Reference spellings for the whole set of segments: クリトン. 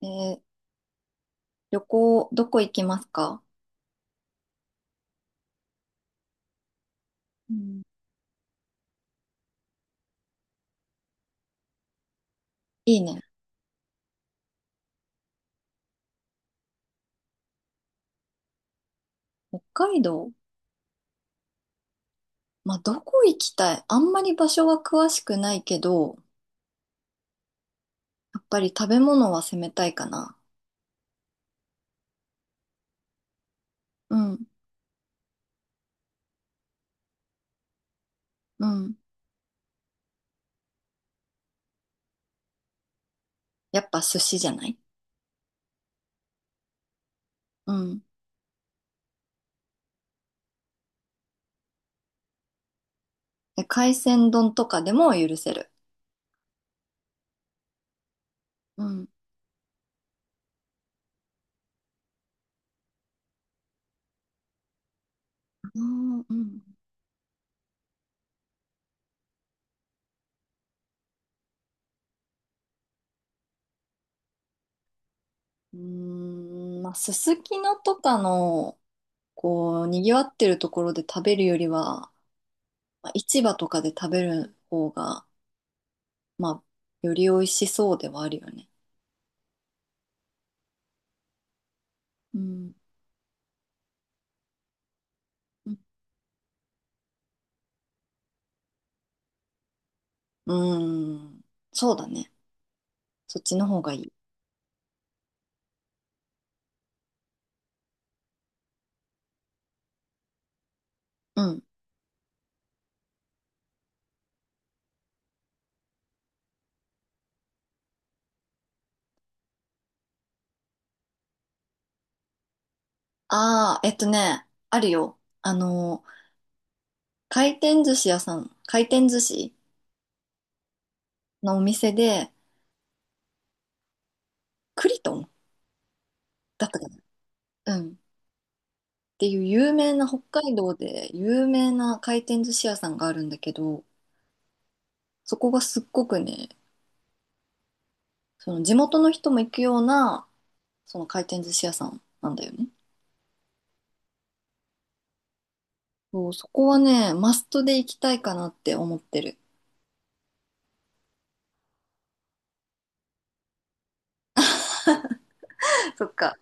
えー旅行、どこ行きますか？うん。いいね。北海道。まあ、どこ行きたい、あんまり場所は詳しくないけど、やっぱり食べ物は攻めたいかな。うん、うん。やっぱ寿司じゃない？うん。で、海鮮丼とかでも許せる。うん。うんうん、まあ、すすきのとかの、こう、賑わってるところで食べるよりは、まあ、市場とかで食べる方が、まあ、より美味しそうではあるよね。うん。うん。そうだね。そっちの方がいい。うん。ああ、あるよ。あの、回転寿司屋さん、回転寿司のお店で、クリトンだったかな。うん。っていう有名な、北海道で有名な回転寿司屋さんがあるんだけど、そこがすっごくね、その地元の人も行くような、その回転寿司屋さんなんだよね。そう、そこはね、マストで行きたいかなって思ってる。そっか。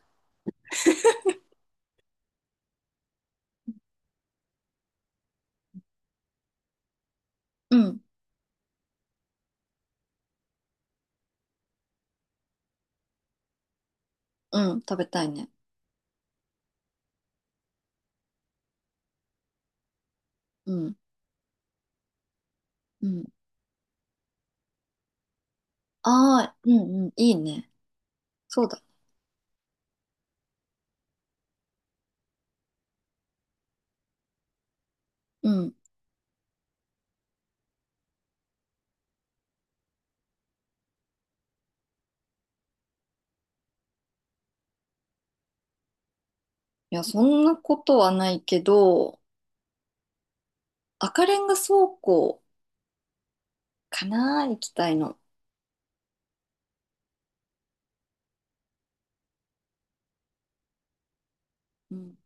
うん、うん、食べたいね。うん、うん。ああ、うんうん、いいね。そうだ。うん。いや、そんなことはないけど、赤レンガ倉庫かな、行きたいの。うん。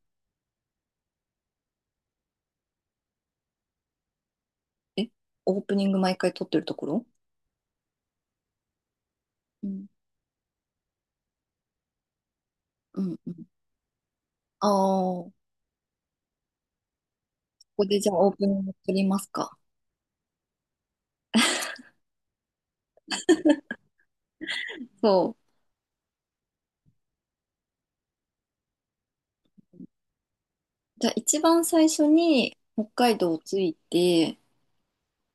え、オープニング毎回撮ってるところ？うん、うん、うん。ああ、ここでじゃあオープニング撮りますか？そう。じゃあ一番最初に北海道を着いて、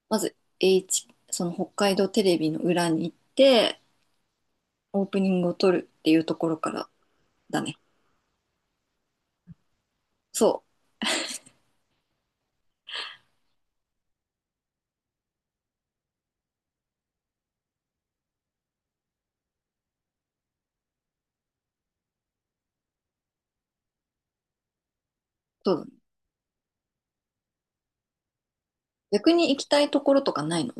まず H、その北海道テレビの裏に行って、オープニングを撮るっていうところからだね。そう。そうだね。逆に行きたいところとかないの？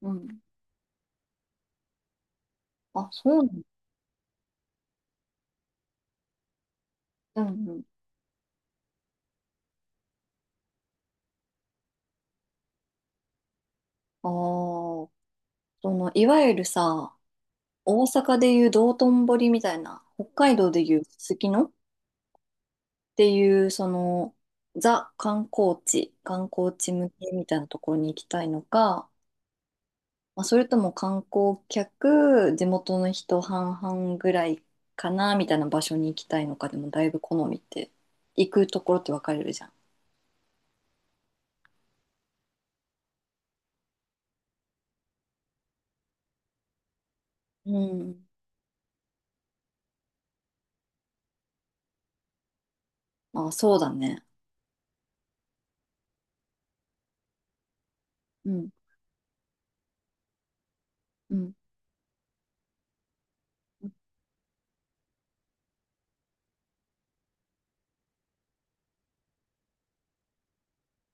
うん。あ、そうなんだ。うんうん。ああ、その、いわゆるさ、大阪でいう道頓堀みたいな、北海道でいうすすきのっていう、その、ザ観光地、観光地向けみたいなところに行きたいのか、まあ、それとも観光客、地元の人半々ぐらいかな、みたいな場所に行きたいのか、でもだいぶ好みって、行くところって分かれるじゃん。うん。あ、そうだね。うん。うん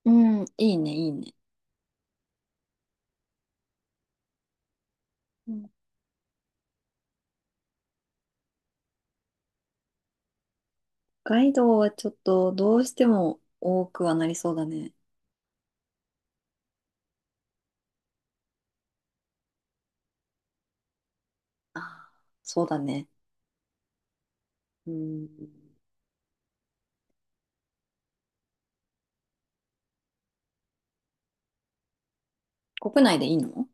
うん、いいね、いいね。うん。北海道はちょっとどうしても多くはなりそうだね。ああ、そうだね。うん。国内でいいの？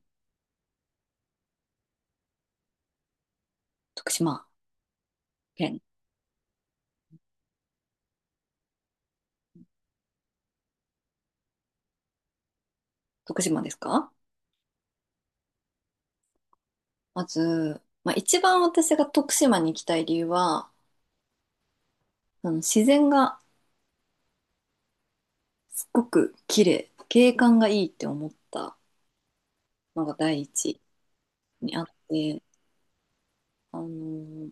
徳島県。徳島ですか？まず、まあ、一番私が徳島に行きたい理由は、あの自然がすっごく綺麗、景観がいいって思ったのが第一にあって、あのー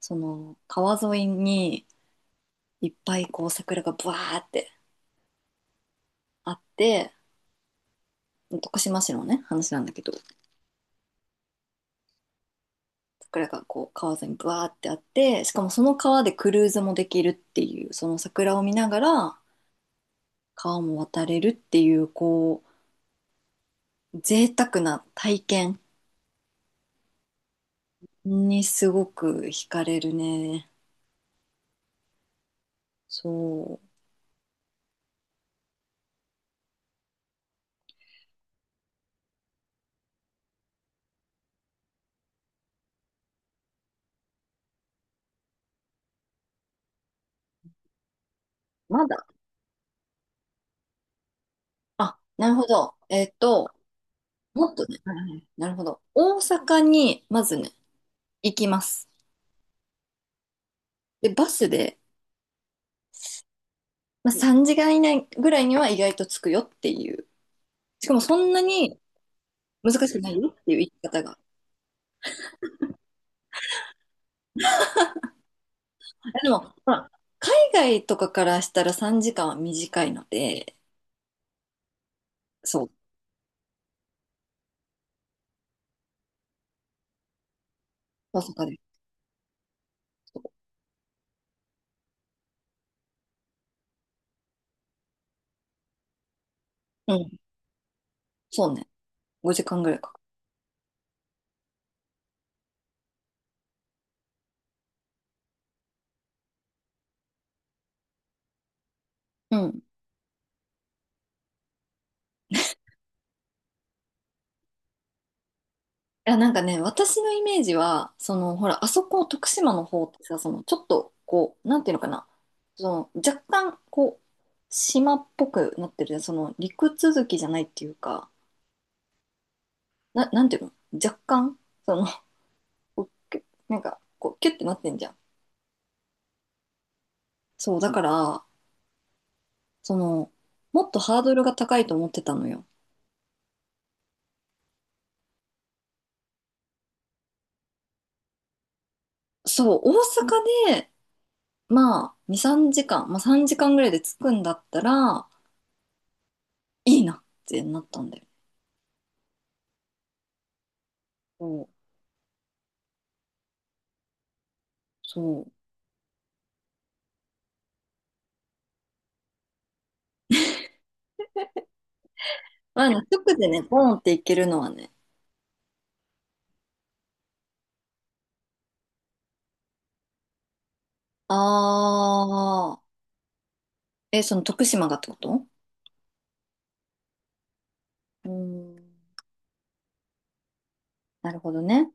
その川沿いにいっぱいこう桜がブワーってあって、徳島市のね話なんだけど、桜がこう川沿いにブワーってあって、しかもその川でクルーズもできるっていう、その桜を見ながら川も渡れるっていうこう贅沢な体験にすごく惹かれるね。そう。まだ。あ、なるほど。もっとね。はいはい、なるほど。大阪にまずね、行きます。で、バスで、まあ、3時間以内ぐらいには意外と着くよっていう、しかもそんなに難しくないよっていう言い方が。でも、ほら、海外とかからしたら3時間は短いので、そう、大阪で。うん、そうね。5時間ぐらいか。うん。いや、なんかね、私のイメージは、その、ほら、あそこ、徳島の方ってさ、その、ちょっと、こう、なんていうのかな、その、若干、こう、島っぽくなってるじゃん。その、陸続きじゃないっていうか、なんていうの、若干、その、こうキュなんか、こう、キュッてなってんじゃん。そう、だから、その、もっとハードルが高いと思ってたのよ。そう、大阪で、まあ、2、3時間、まあ3時間ぐらいで着くんだったら、いいなってなったんだよ。そう、そう。まあね、直でね、ボーンって行けるのはね、あー、え、その徳島がってこと？うーん、なるほどね。